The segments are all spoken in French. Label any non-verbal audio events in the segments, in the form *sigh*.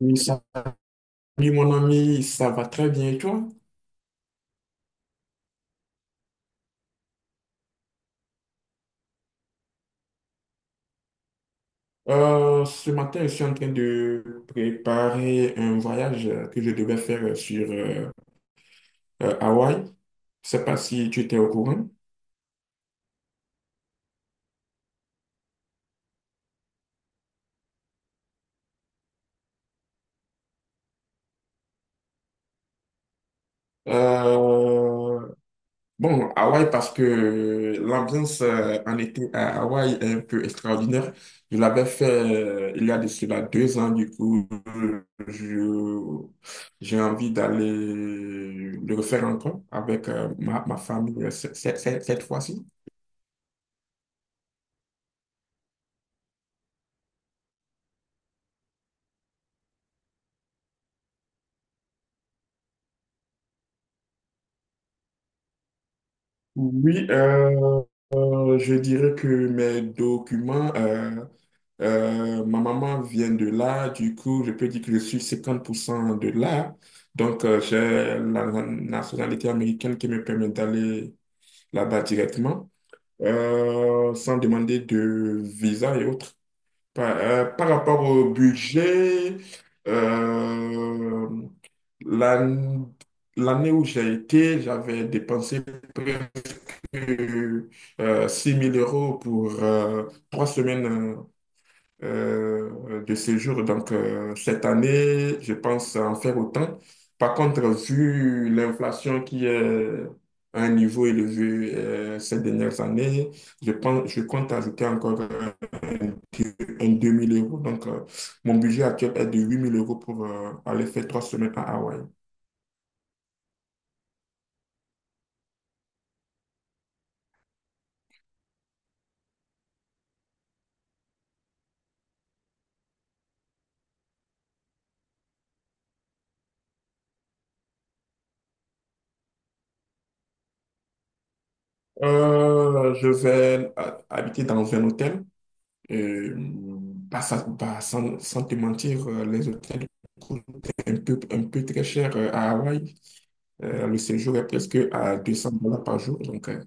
Oui, salut mon ami, ça va très bien et toi? Ce matin, je suis en train de préparer un voyage que je devais faire sur Hawaï. Je ne sais pas si tu étais au courant. Euh, Bon, Hawaï, parce que l'ambiance en été à Hawaï est un peu extraordinaire. Je l'avais fait il y a de cela deux ans, du coup, je, j'ai envie d'aller le refaire encore avec ma famille cette fois-ci. Oui, je dirais que mes documents. Ma maman vient de là, du coup, je peux dire que je suis 50% de là. Donc, j'ai la nationalité américaine qui me permet d'aller là-bas directement, sans demander de visa et autres. Par rapport au budget, euh, l'an- l'année où j'ai été, j'avais dépensé près de 6000 euros pour trois semaines de séjour. Donc, cette année, je pense en faire autant. Par contre, vu l'inflation qui est à un niveau élevé ces dernières années, je compte ajouter encore petit- un 2000 euros. Donc, mon budget actuel est de 8000 euros pour aller faire trois semaines à Hawaï. Je vais habiter dans un hôtel. Euh, Pas sans te mentir, les hôtels coûtent un peu très cher à Hawaï. Le séjour est presque à 200 dollars par jour. Donc,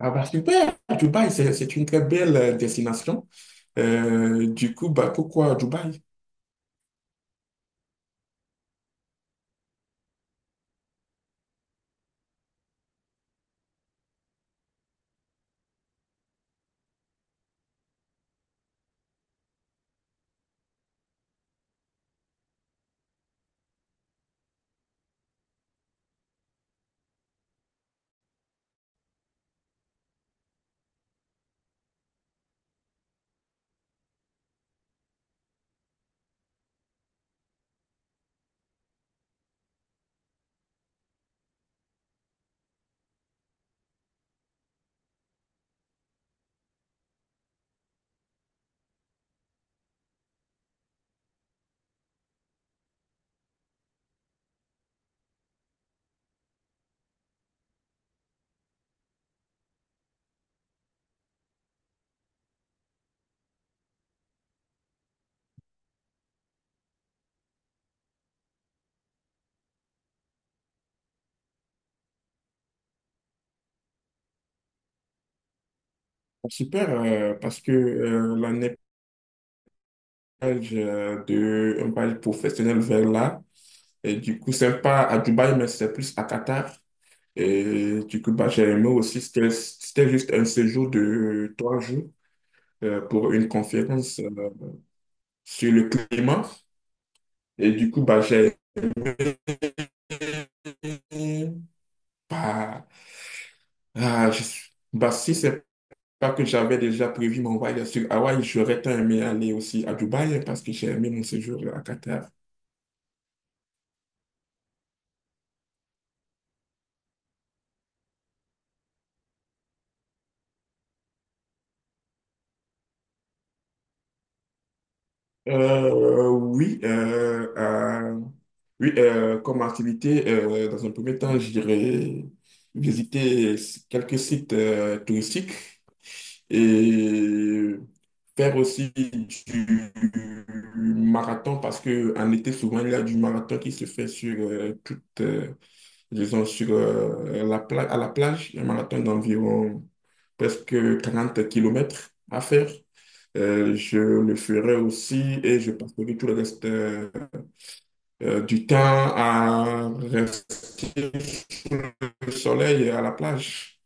ah bah super, Dubaï, c'est une très belle destination. Du coup, bah, pourquoi Dubaï? Bah, super, parce que la neige de un voyage professionnel vers là, et du coup, c'est pas à Dubaï, mais c'est plus à Qatar. Et du coup, bah, j'ai aimé aussi, c'était juste un séjour de trois jours pour une conférence sur le climat. Et du coup, bah, j'ai bah, ah, je suis- bah, si c'est pas que j'avais déjà prévu mon voyage sur Hawaï, j'aurais tant aimé aller aussi à Dubaï parce que j'ai aimé mon séjour à Qatar. Euh, oui, euh, euh, oui comme activité, dans un premier temps, j'irai visiter quelques sites touristiques et faire aussi du marathon parce que en été, souvent, il y a du marathon qui se fait sur toute, disons, sur la pla- à la plage, un marathon d'environ presque 40 kilomètres à faire. Je le ferai aussi et je passerai tout le reste du temps à rester au soleil et à la plage.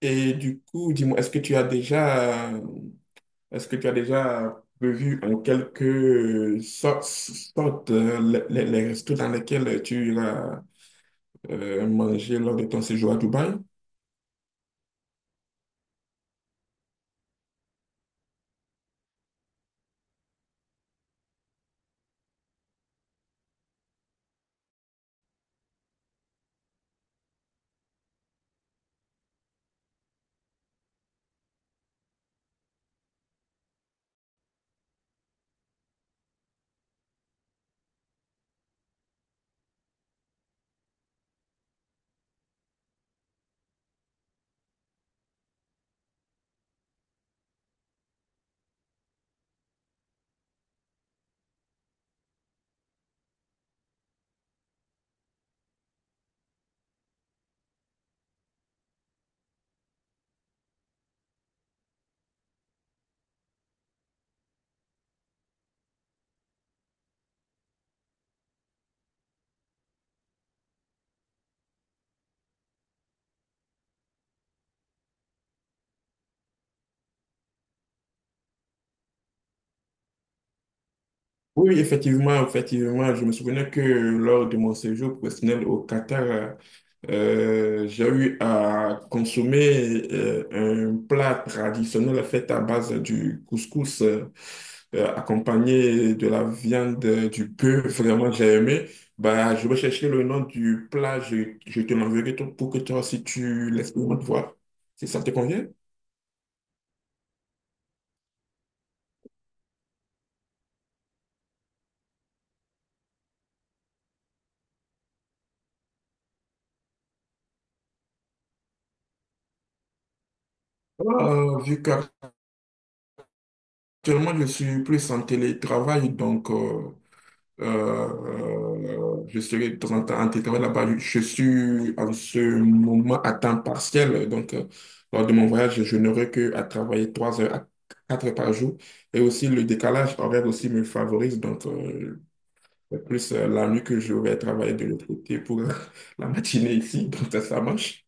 Et du coup, dis-moi, est-ce que tu as déjà, est-ce que tu as déjà prévu en quelque sorte, les restos dans lesquels tu iras manger lors de ton séjour à Dubaï? Oui, effectivement, je me souvenais que lors de mon séjour professionnel au Qatar, j'ai eu à consommer un plat traditionnel fait à base du couscous, accompagné de la viande, du bœuf. Vraiment, j'ai aimé. Bah, je vais chercher le nom du plat, je te l'enverrai pour que toi aussi tu l'expérimentes voir. Si ça te convient? Voilà, vu qu'actuellement je suis plus en télétravail, donc je serai de temps en temps en télétravail là-bas. Je suis en ce moment à temps partiel. Donc, lors de mon voyage, je n'aurai que à travailler 3 heures à 4 heures par jour. Et aussi, le décalage horaire aussi me favorise. Donc, c'est plus la nuit que je vais travailler de l'autre côté pour *laughs* la matinée ici. Donc, ça marche.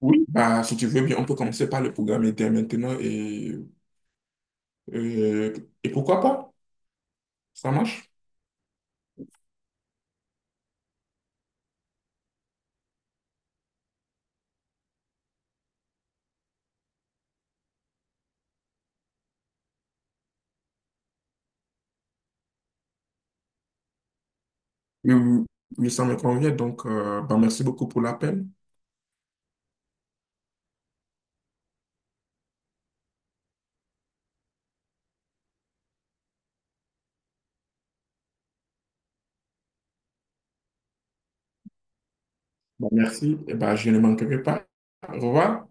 Oui, bah, si tu veux bien, on peut commencer par le programme dès maintenant et, et pourquoi pas? Ça marche? Oui, oui, oui, ça me convient. Donc, bah, merci beaucoup pour l'appel. Bah, merci. Et bah, je ne manquerai pas. Au revoir.